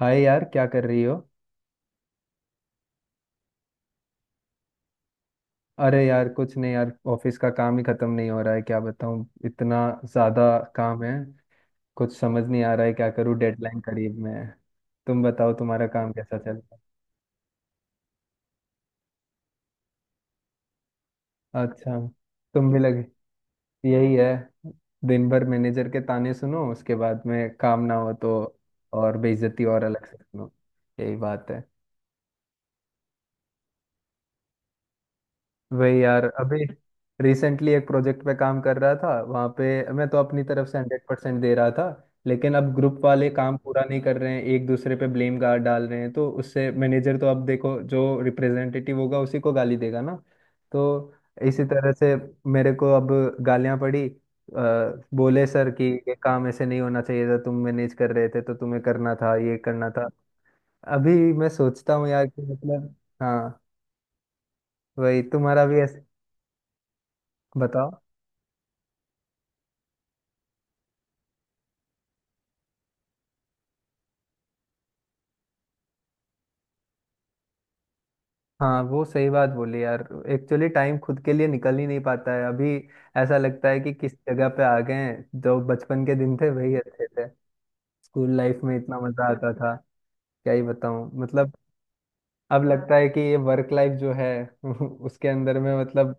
हाय यार, क्या कर रही हो। अरे यार कुछ नहीं यार, ऑफिस का काम ही खत्म नहीं हो रहा है। क्या बताऊँ, इतना ज्यादा काम है। कुछ समझ नहीं आ रहा है क्या करूँ, डेडलाइन करीब में है। तुम बताओ तुम्हारा काम कैसा चल रहा है। अच्छा, तुम भी लगे। यही है। दिन भर मैनेजर के ताने सुनो, उसके बाद में काम ना हो तो और बेइज्जती और अलग से सुनो। यही बात है। वही यार, अभी रिसेंटली एक प्रोजेक्ट पे काम कर रहा था, वहाँ पे मैं तो अपनी तरफ से 100% दे रहा था। लेकिन अब ग्रुप वाले काम पूरा नहीं कर रहे हैं, एक दूसरे पे ब्लेम गार्ड डाल रहे हैं, तो उससे मैनेजर तो, अब देखो जो रिप्रेजेंटेटिव होगा उसी को गाली देगा ना। तो इसी तरह से मेरे को अब गालियाँ पड़ी, बोले सर कि ये काम ऐसे नहीं होना चाहिए था, तुम मैनेज कर रहे थे तो तुम्हें करना था, ये करना था। अभी मैं सोचता हूँ यार कि मतलब, हाँ, वही तुम्हारा भी ऐसे बताओ। हाँ वो सही बात बोली यार। एक्चुअली टाइम खुद के लिए निकल ही नहीं पाता है अभी। ऐसा लगता है कि किस जगह पे आ गए हैं, जो बचपन के दिन थे वही अच्छे थे। स्कूल लाइफ में इतना मजा आता था। क्या ही बताऊं मतलब। अब लगता है कि ये वर्क लाइफ जो है उसके अंदर में मतलब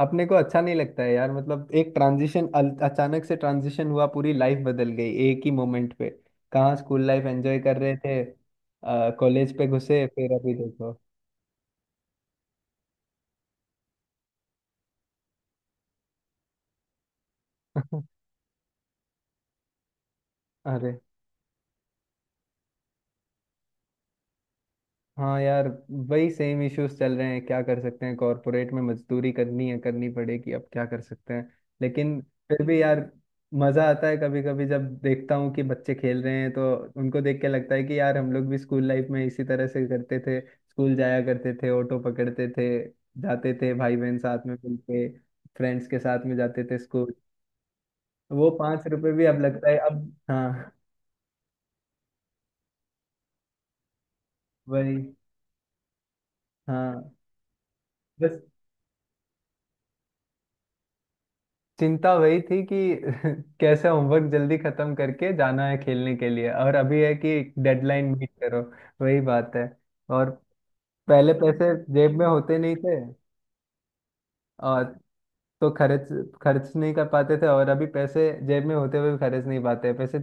अपने को अच्छा नहीं लगता है यार। मतलब एक ट्रांजिशन, अचानक से ट्रांजिशन हुआ, पूरी लाइफ बदल गई एक ही मोमेंट पे। कहाँ स्कूल लाइफ एंजॉय कर रहे थे, कॉलेज पे घुसे, फिर अभी देखो अरे हाँ यार, वही सेम इश्यूज चल रहे हैं। क्या कर सकते हैं, कॉरपोरेट में मजदूरी करनी है, करनी पड़ेगी, अब क्या कर सकते हैं। लेकिन फिर भी यार मजा आता है कभी कभी, जब देखता हूँ कि बच्चे खेल रहे हैं तो उनको देख के लगता है कि यार हम लोग भी स्कूल लाइफ में इसी तरह से करते थे, स्कूल जाया करते थे, ऑटो पकड़ते थे, जाते थे भाई बहन साथ में मिलके, फ्रेंड्स के साथ में जाते थे स्कूल। वो 5 रुपए भी अब लगता है अब। हाँ वही। हाँ बस। चिंता वही थी कि कैसे होमवर्क जल्दी खत्म करके जाना है खेलने के लिए, और अभी है कि डेडलाइन मीट करो। वही बात है। और पहले पैसे जेब में होते नहीं थे, और तो खर्च खर्च नहीं कर पाते थे, और अभी पैसे जेब में होते हुए भी खर्च नहीं पाते पैसे।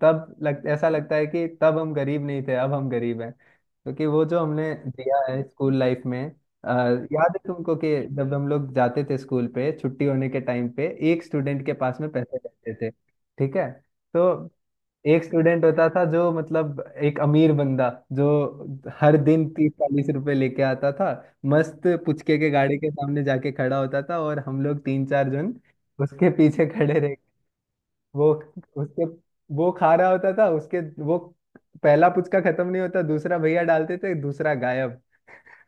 तब लग ऐसा लगता है कि तब हम गरीब नहीं थे, अब हम गरीब हैं, क्योंकि वो जो हमने दिया है स्कूल लाइफ में। अ, याद है तुमको कि जब हम लोग जाते थे स्कूल पे, छुट्टी होने के टाइम पे एक स्टूडेंट के पास में पैसे रहते थे। ठीक है। तो एक स्टूडेंट होता था जो मतलब एक अमीर बंदा, जो हर दिन 30-40 रुपए लेके आता था। मस्त पुचके के गाड़ी के सामने जाके खड़ा होता था और हम लोग 3-4 जन उसके पीछे खड़े रहे। वो उसके वो खा रहा होता था, उसके वो पहला पुचका खत्म नहीं होता दूसरा भैया डालते थे, दूसरा गायब।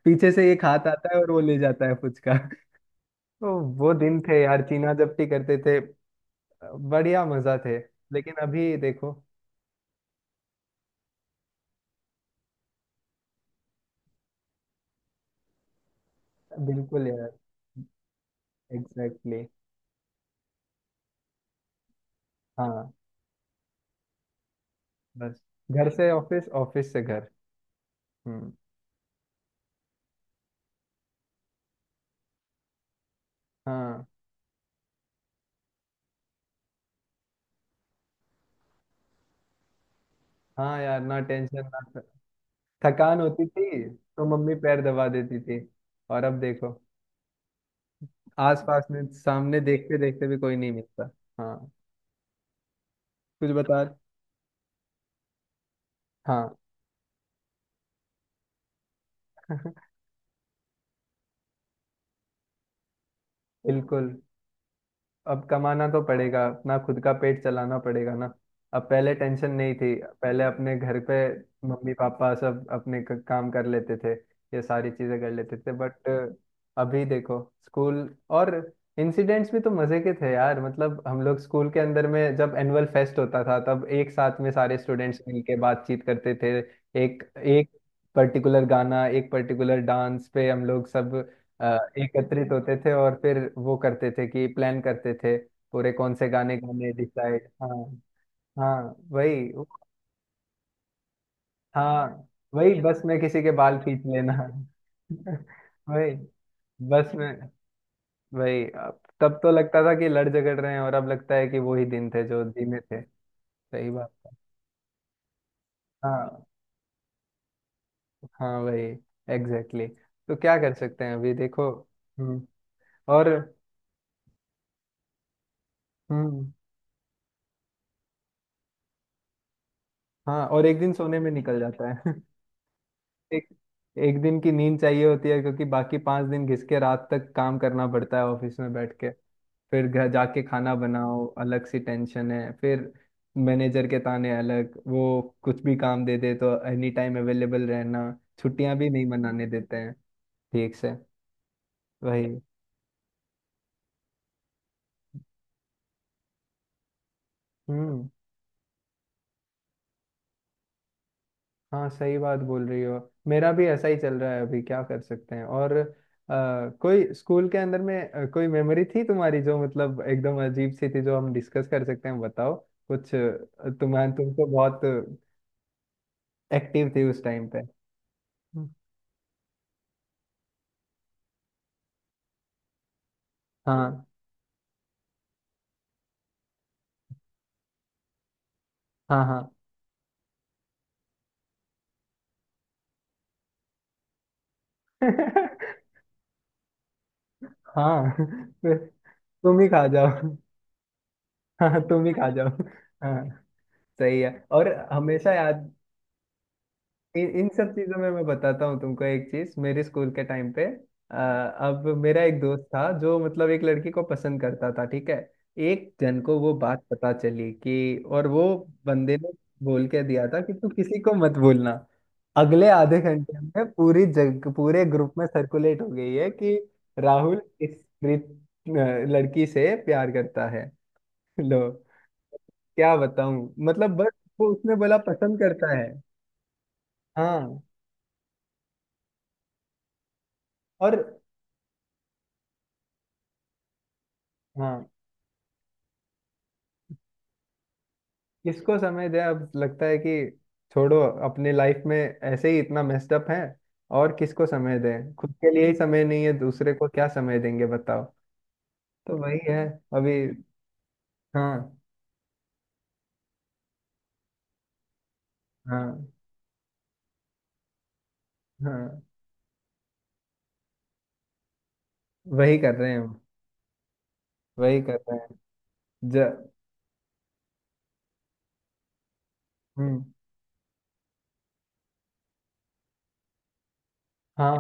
पीछे से एक हाथ आता है और वो ले जाता है पुचका तो वो दिन थे यार, चीना जपटी करते थे। बढ़िया मजा थे। लेकिन अभी देखो। बिल्कुल यार, एग्जैक्टली exactly। हाँ बस, घर से ऑफिस, ऑफिस से घर। हम्म। हाँ हाँ यार, ना टेंशन ना थकान होती थी तो मम्मी पैर दबा देती थी। और अब देखो आसपास में सामने देखते देखते भी कोई नहीं मिलता। हाँ। कुछ बता। हाँ बिल्कुल। अब कमाना तो पड़ेगा, अपना खुद का पेट चलाना पड़ेगा ना। अब पहले टेंशन नहीं थी। पहले अपने घर पे मम्मी पापा सब अपने काम कर लेते थे, ये सारी चीजें कर लेते थे, बट अभी देखो। स्कूल और इंसिडेंट्स भी तो मजे के थे यार। मतलब हम लोग स्कूल के अंदर में, जब एनुअल फेस्ट होता था तब एक साथ में सारे स्टूडेंट्स मिलके बातचीत करते थे। एक एक पर्टिकुलर गाना, एक पर्टिकुलर डांस पे हम लोग सब अ, एकत्रित होते थे, और फिर वो करते थे कि प्लान करते थे पूरे, कौन से गाने गाने डिसाइड। हाँ हाँ वही। हाँ वही बस में किसी के बाल खींच लेना वही बस में, वही, तब तो लगता था कि लड़ झगड़ रहे हैं, और अब लगता है कि वो ही दिन थे जो धीमे थे। सही बात है। हाँ हाँ वही एग्जैक्टली exactly। तो क्या कर सकते हैं, अभी देखो। हम्म। और हम्म। हाँ और एक दिन सोने में निकल जाता है। एक एक दिन की नींद चाहिए होती है क्योंकि बाकी 5 दिन घिस के रात तक काम करना पड़ता है ऑफिस में बैठ के। फिर घर जाके खाना बनाओ, अलग सी टेंशन है फिर। मैनेजर के ताने अलग, वो कुछ भी काम दे दे तो एनी टाइम अवेलेबल रहना, छुट्टियां भी नहीं मनाने देते हैं ठीक से। वही। हम्म। हाँ सही बात बोल रही हो, मेरा भी ऐसा ही चल रहा है अभी। क्या कर सकते हैं, और कोई स्कूल के अंदर में कोई मेमोरी थी तुम्हारी जो मतलब एकदम अजीब सी थी, जो हम डिस्कस कर सकते हैं, बताओ। कुछ तुम्हारे, तुम तो बहुत एक्टिव थी उस टाइम पे। हम्म। हाँ हाँ हाँ हाँ तुम ही खा जाओ हाँ तुम ही खा जाओ। हाँ सही है। और हमेशा याद इन इन सब चीजों में, मैं बताता हूँ तुमको एक चीज मेरे स्कूल के टाइम पे, अब मेरा एक दोस्त था जो मतलब एक लड़की को पसंद करता था, ठीक है। एक जन को वो बात पता चली कि, और वो बंदे ने बोल के दिया था कि तू किसी को मत बोलना। अगले आधे घंटे में पूरी जग पूरे ग्रुप में सर्कुलेट हो गई है कि राहुल इस प्रीत, अ, लड़की से प्यार करता है। लो, क्या बताऊं, मतलब बस, वो उसने बोला पसंद करता है। हाँ। और हाँ, किसको समय दे, अब लगता है कि छोड़ो, अपने लाइफ में ऐसे ही इतना मेस्ड अप है। और किसको समय दें, खुद के लिए ही समय नहीं है, दूसरे को क्या समय देंगे बताओ। तो वही है अभी। हाँ हाँ। हाँ वही कर रहे हैं हम, वही कर रहे हैं। ज हम्म। हाँ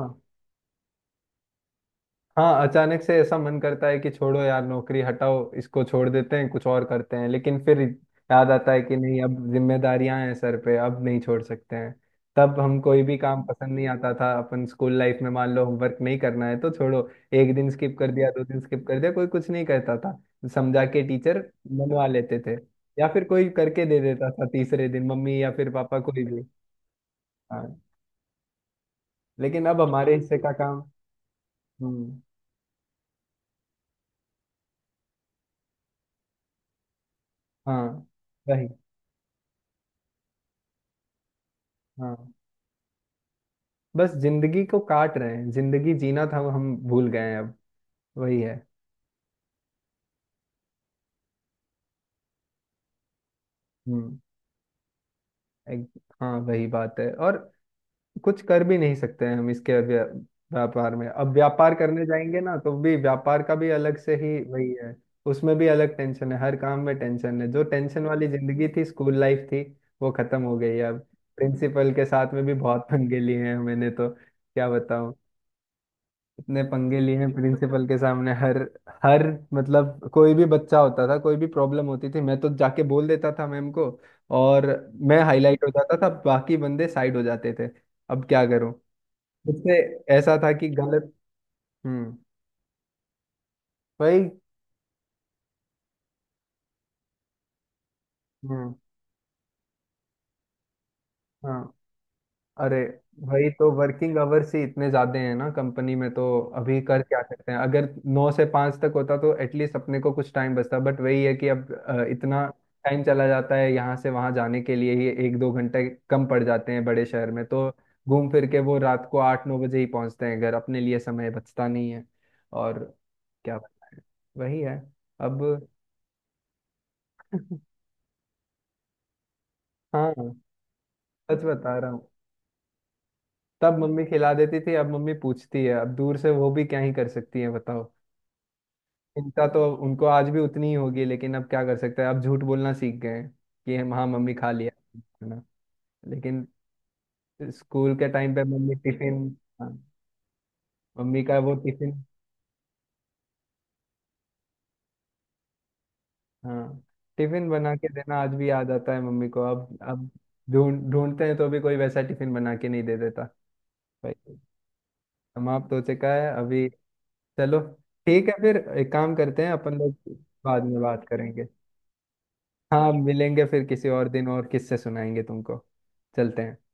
हाँ, अचानक से ऐसा मन करता है कि छोड़ो यार नौकरी, हटाओ इसको, छोड़ देते हैं, कुछ और करते हैं, लेकिन फिर याद आता है कि नहीं, अब जिम्मेदारियां हैं सर पे, अब नहीं छोड़ सकते हैं। तब हम कोई भी काम पसंद नहीं आता था अपन, स्कूल लाइफ में मान लो होमवर्क नहीं करना है तो छोड़ो एक दिन स्किप कर दिया, 2 दिन स्किप कर दिया, कोई कुछ नहीं कहता था। समझा के टीचर मनवा लेते थे, या फिर कोई करके दे देता था तीसरे दिन, मम्मी या फिर पापा कोई भी। हाँ। लेकिन अब हमारे हिस्से का काम। हम्म। हाँ वही। हाँ बस जिंदगी को काट रहे हैं, जिंदगी जीना था वो हम भूल गए हैं अब। वही है। हम्म। एक, हाँ वही बात है। और कुछ कर भी नहीं सकते हैं हम इसके व्यापार में। अब व्यापार करने जाएंगे ना तो भी व्यापार का भी अलग से ही वही है, उसमें भी अलग टेंशन है, हर काम में टेंशन है। जो टेंशन वाली जिंदगी थी स्कूल लाइफ थी, वो खत्म हो गई है अब। प्रिंसिपल के साथ में भी बहुत पंगे लिए हैं मैंने, तो क्या बताऊं, इतने पंगे लिए हैं प्रिंसिपल के सामने। हर हर मतलब कोई भी बच्चा होता था, कोई भी प्रॉब्लम होती थी, मैं तो जाके बोल देता था मैम को। और मैं हाईलाइट हो जाता था, बाकी बंदे साइड हो जाते थे। अब क्या करूं, मुझसे ऐसा था कि गलत। हम्म। वही। हम्म। हाँ अरे भाई, तो वर्किंग आवर्स ही इतने ज्यादा हैं ना कंपनी में, तो अभी कर क्या सकते हैं। अगर 9 से 5 तक होता तो एटलीस्ट अपने को कुछ टाइम बचता, बट वही है कि अब इतना टाइम चला जाता है यहाँ से वहाँ जाने के लिए ही 1-2 घंटे कम पड़ जाते हैं बड़े शहर में, तो घूम फिर के वो रात को 8-9 बजे ही पहुँचते हैं घर, अपने लिए समय बचता नहीं है और क्या बताएं। वही है अब हाँ सच बता रहा हूँ, तब मम्मी खिला देती थी, अब मम्मी पूछती है, अब दूर से वो भी क्या ही कर सकती है बताओ। चिंता तो उनको आज भी उतनी ही होगी, लेकिन अब क्या कर सकते हैं, अब झूठ बोलना सीख गए हैं कि हम हाँ मम्मी खा लिया, है ना। लेकिन स्कूल के टाइम पे मम्मी टिफिन, हाँ मम्मी का वो टिफिन, हाँ टिफिन बना के देना आज भी याद आता है मम्मी को। अब ढूंढ ढूंढते हैं तो भी कोई वैसा टिफिन बना के नहीं दे देता भाई। समाप्त हो चुका है अभी। चलो ठीक है, फिर एक काम करते हैं अपन लोग, बाद में बात करेंगे। हाँ मिलेंगे फिर किसी और दिन, और किससे सुनाएंगे तुमको, चलते हैं।